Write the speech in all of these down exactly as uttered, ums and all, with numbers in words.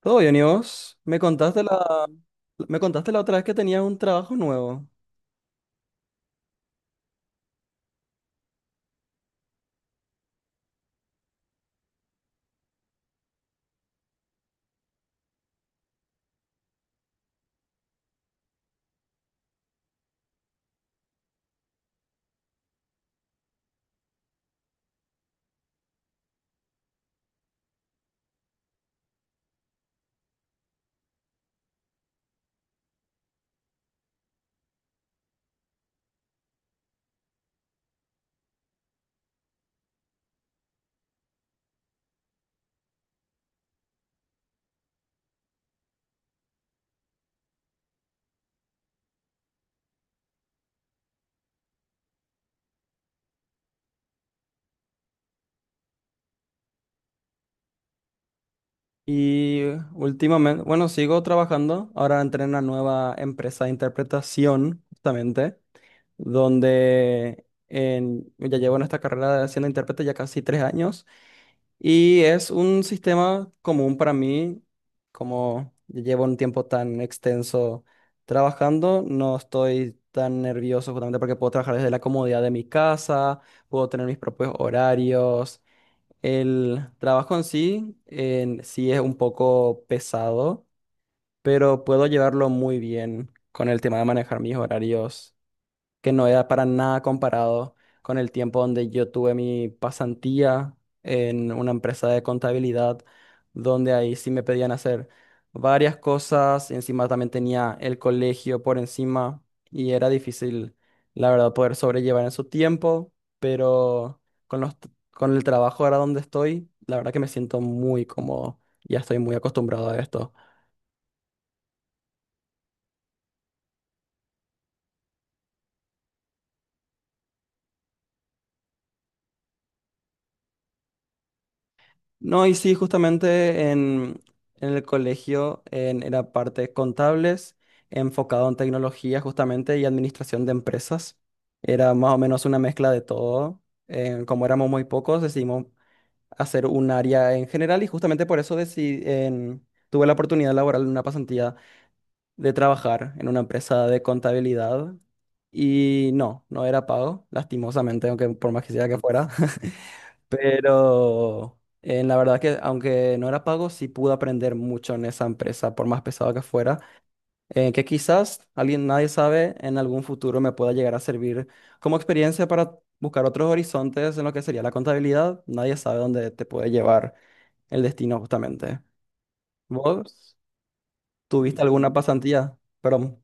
Todo bien, ¿y vos? Me contaste la, me contaste la otra vez que tenías un trabajo nuevo. Y últimamente, bueno, sigo trabajando. Ahora entré en una nueva empresa de interpretación, justamente, donde en- ya llevo en esta carrera de siendo intérprete ya casi tres años. Y es un sistema común para mí, como llevo un tiempo tan extenso trabajando, no estoy tan nervioso justamente porque puedo trabajar desde la comodidad de mi casa, puedo tener mis propios horarios. El trabajo en sí, en sí es un poco pesado, pero puedo llevarlo muy bien con el tema de manejar mis horarios que no era para nada comparado con el tiempo donde yo tuve mi pasantía en una empresa de contabilidad, donde ahí sí me pedían hacer varias cosas, y encima también tenía el colegio por encima y era difícil, la verdad, poder sobrellevar en su tiempo, pero con los, t- con el trabajo ahora donde estoy, la verdad que me siento muy cómodo, ya estoy muy acostumbrado a esto. No, y sí, justamente en, en el colegio en, era parte contables, enfocado en tecnología justamente y administración de empresas. Era más o menos una mezcla de todo. Eh, como éramos muy pocos, decidimos hacer un área en general y justamente por eso decidí, en- tuve la oportunidad laboral en una pasantía de trabajar en una empresa de contabilidad. Y no, no era pago, lastimosamente, aunque por más quisiera que fuera. Pero eh, la verdad que aunque no era pago, sí pude aprender mucho en esa empresa, por más pesado que fuera, eh, que quizás alguien, nadie sabe, en algún futuro me pueda llegar a servir como experiencia para buscar otros horizontes en lo que sería la contabilidad. Nadie sabe dónde te puede llevar el destino justamente. ¿Vos tuviste alguna pasantía? Perdón.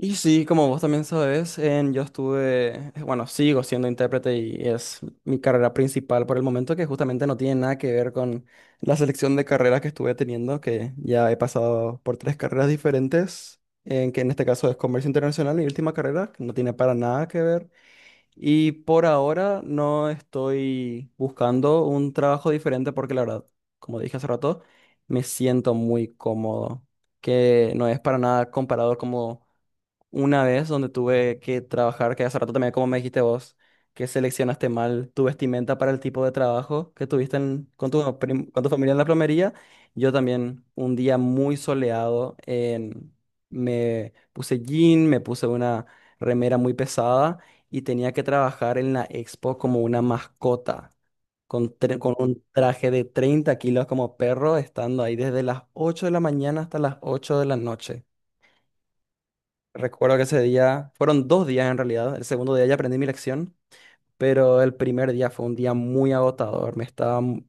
Y sí, como vos también sabes, en- yo estuve, bueno, sigo siendo intérprete y es mi carrera principal por el momento, que justamente no tiene nada que ver con la selección de carreras que estuve teniendo, que ya he pasado por tres carreras diferentes, en que en este caso es comercio internacional, mi última carrera, que no tiene para nada que ver. Y por ahora no estoy buscando un trabajo diferente porque la verdad, como dije hace rato, me siento muy cómodo, que no es para nada comparado como una vez donde tuve que trabajar, que hace rato también, como me dijiste vos, que seleccionaste mal tu vestimenta para el tipo de trabajo que tuviste en- con tu, prim- con tu familia en la plomería. Yo también, un día muy soleado, en, me puse jean, me puse una remera muy pesada y tenía que trabajar en la expo como una mascota. Con, tre- con un traje de treinta kilos como perro, estando ahí desde las ocho de la mañana hasta las ocho de la noche. Recuerdo que ese día, fueron dos días en realidad, el segundo día ya aprendí mi lección, pero el primer día fue un día muy agotador, me estaba mu-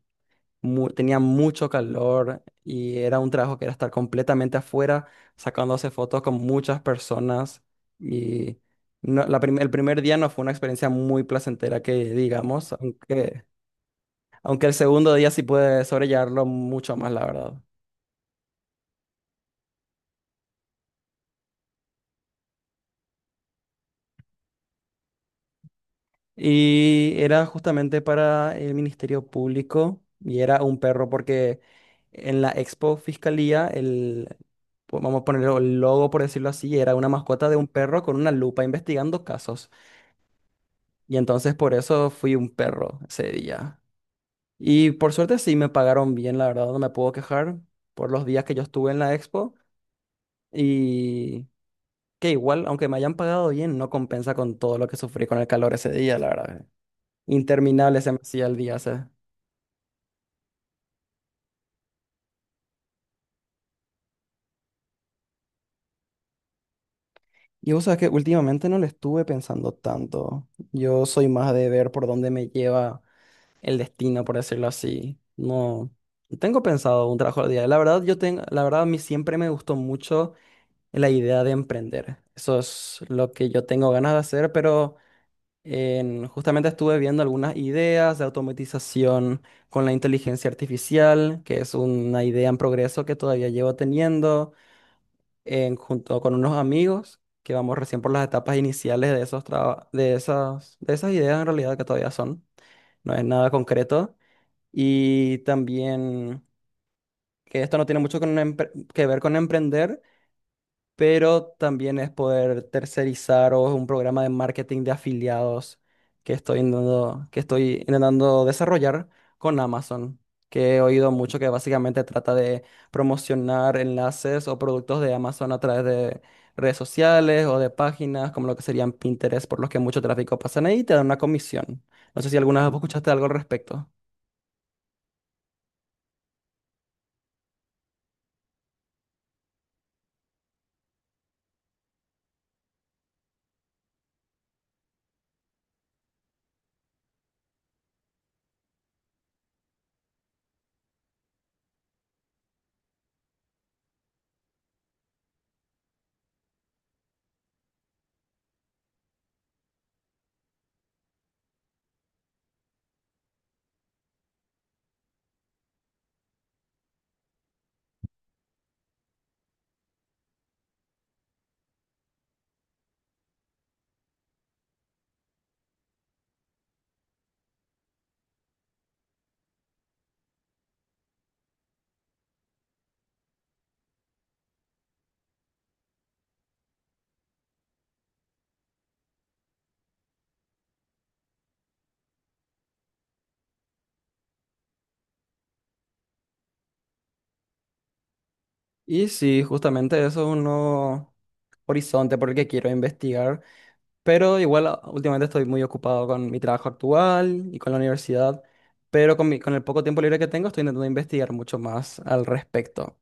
mu- tenía mucho calor y era un trabajo que era estar completamente afuera, sacándose fotos con muchas personas y no- la prim- el primer día no fue una experiencia muy placentera que digamos, aunque, aunque el segundo día sí pude sobrellevarlo mucho más, la verdad. Y era justamente para el Ministerio Público y era un perro porque en la Expo Fiscalía, el, po- vamos a ponerlo el logo por decirlo así, era una mascota de un perro con una lupa investigando casos. Y entonces por eso fui un perro ese día. Y por suerte sí me pagaron bien, la verdad, no me puedo quejar por los días que yo estuve en la Expo y que igual, aunque me hayan pagado bien, no compensa con todo lo que sufrí con el calor ese día, la verdad. Interminable se me hacía el día ese. Y vos sabés que últimamente no le estuve pensando tanto. Yo soy más de ver por dónde me lleva el destino, por decirlo así. No, no tengo pensado un trabajo al día. La verdad, yo tengo, la verdad, a mí siempre me gustó mucho la idea de emprender. Eso es lo que yo tengo ganas de hacer, pero en- justamente estuve viendo algunas ideas de automatización con la inteligencia artificial, que es una idea en progreso que todavía llevo teniendo en- junto con unos amigos que vamos recién por las etapas iniciales de esos traba- de esas, de esas ideas en realidad que todavía son, no es nada concreto. Y también que esto no tiene mucho con empre- que ver con emprender, pero también es poder tercerizar o es un programa de marketing de afiliados que estoy intentando, que estoy intentando desarrollar con Amazon, que he oído mucho que básicamente trata de promocionar enlaces o productos de Amazon a través de redes sociales o de páginas, como lo que serían Pinterest, por los que mucho tráfico pasan ahí y te dan una comisión. No sé si alguna vez vos escuchaste algo al respecto. Y sí, justamente eso es uno horizonte por el que quiero investigar. Pero igual a- últimamente estoy muy ocupado con mi trabajo actual y con la universidad, pero con mi- con el poco tiempo libre que tengo estoy intentando investigar mucho más al respecto.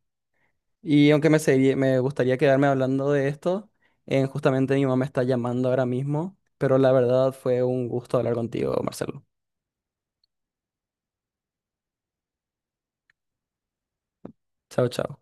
Y aunque me, seguiría- me gustaría quedarme hablando de esto, eh, justamente mi mamá me está llamando ahora mismo, pero la verdad fue un gusto hablar contigo, Marcelo. Chao, chao.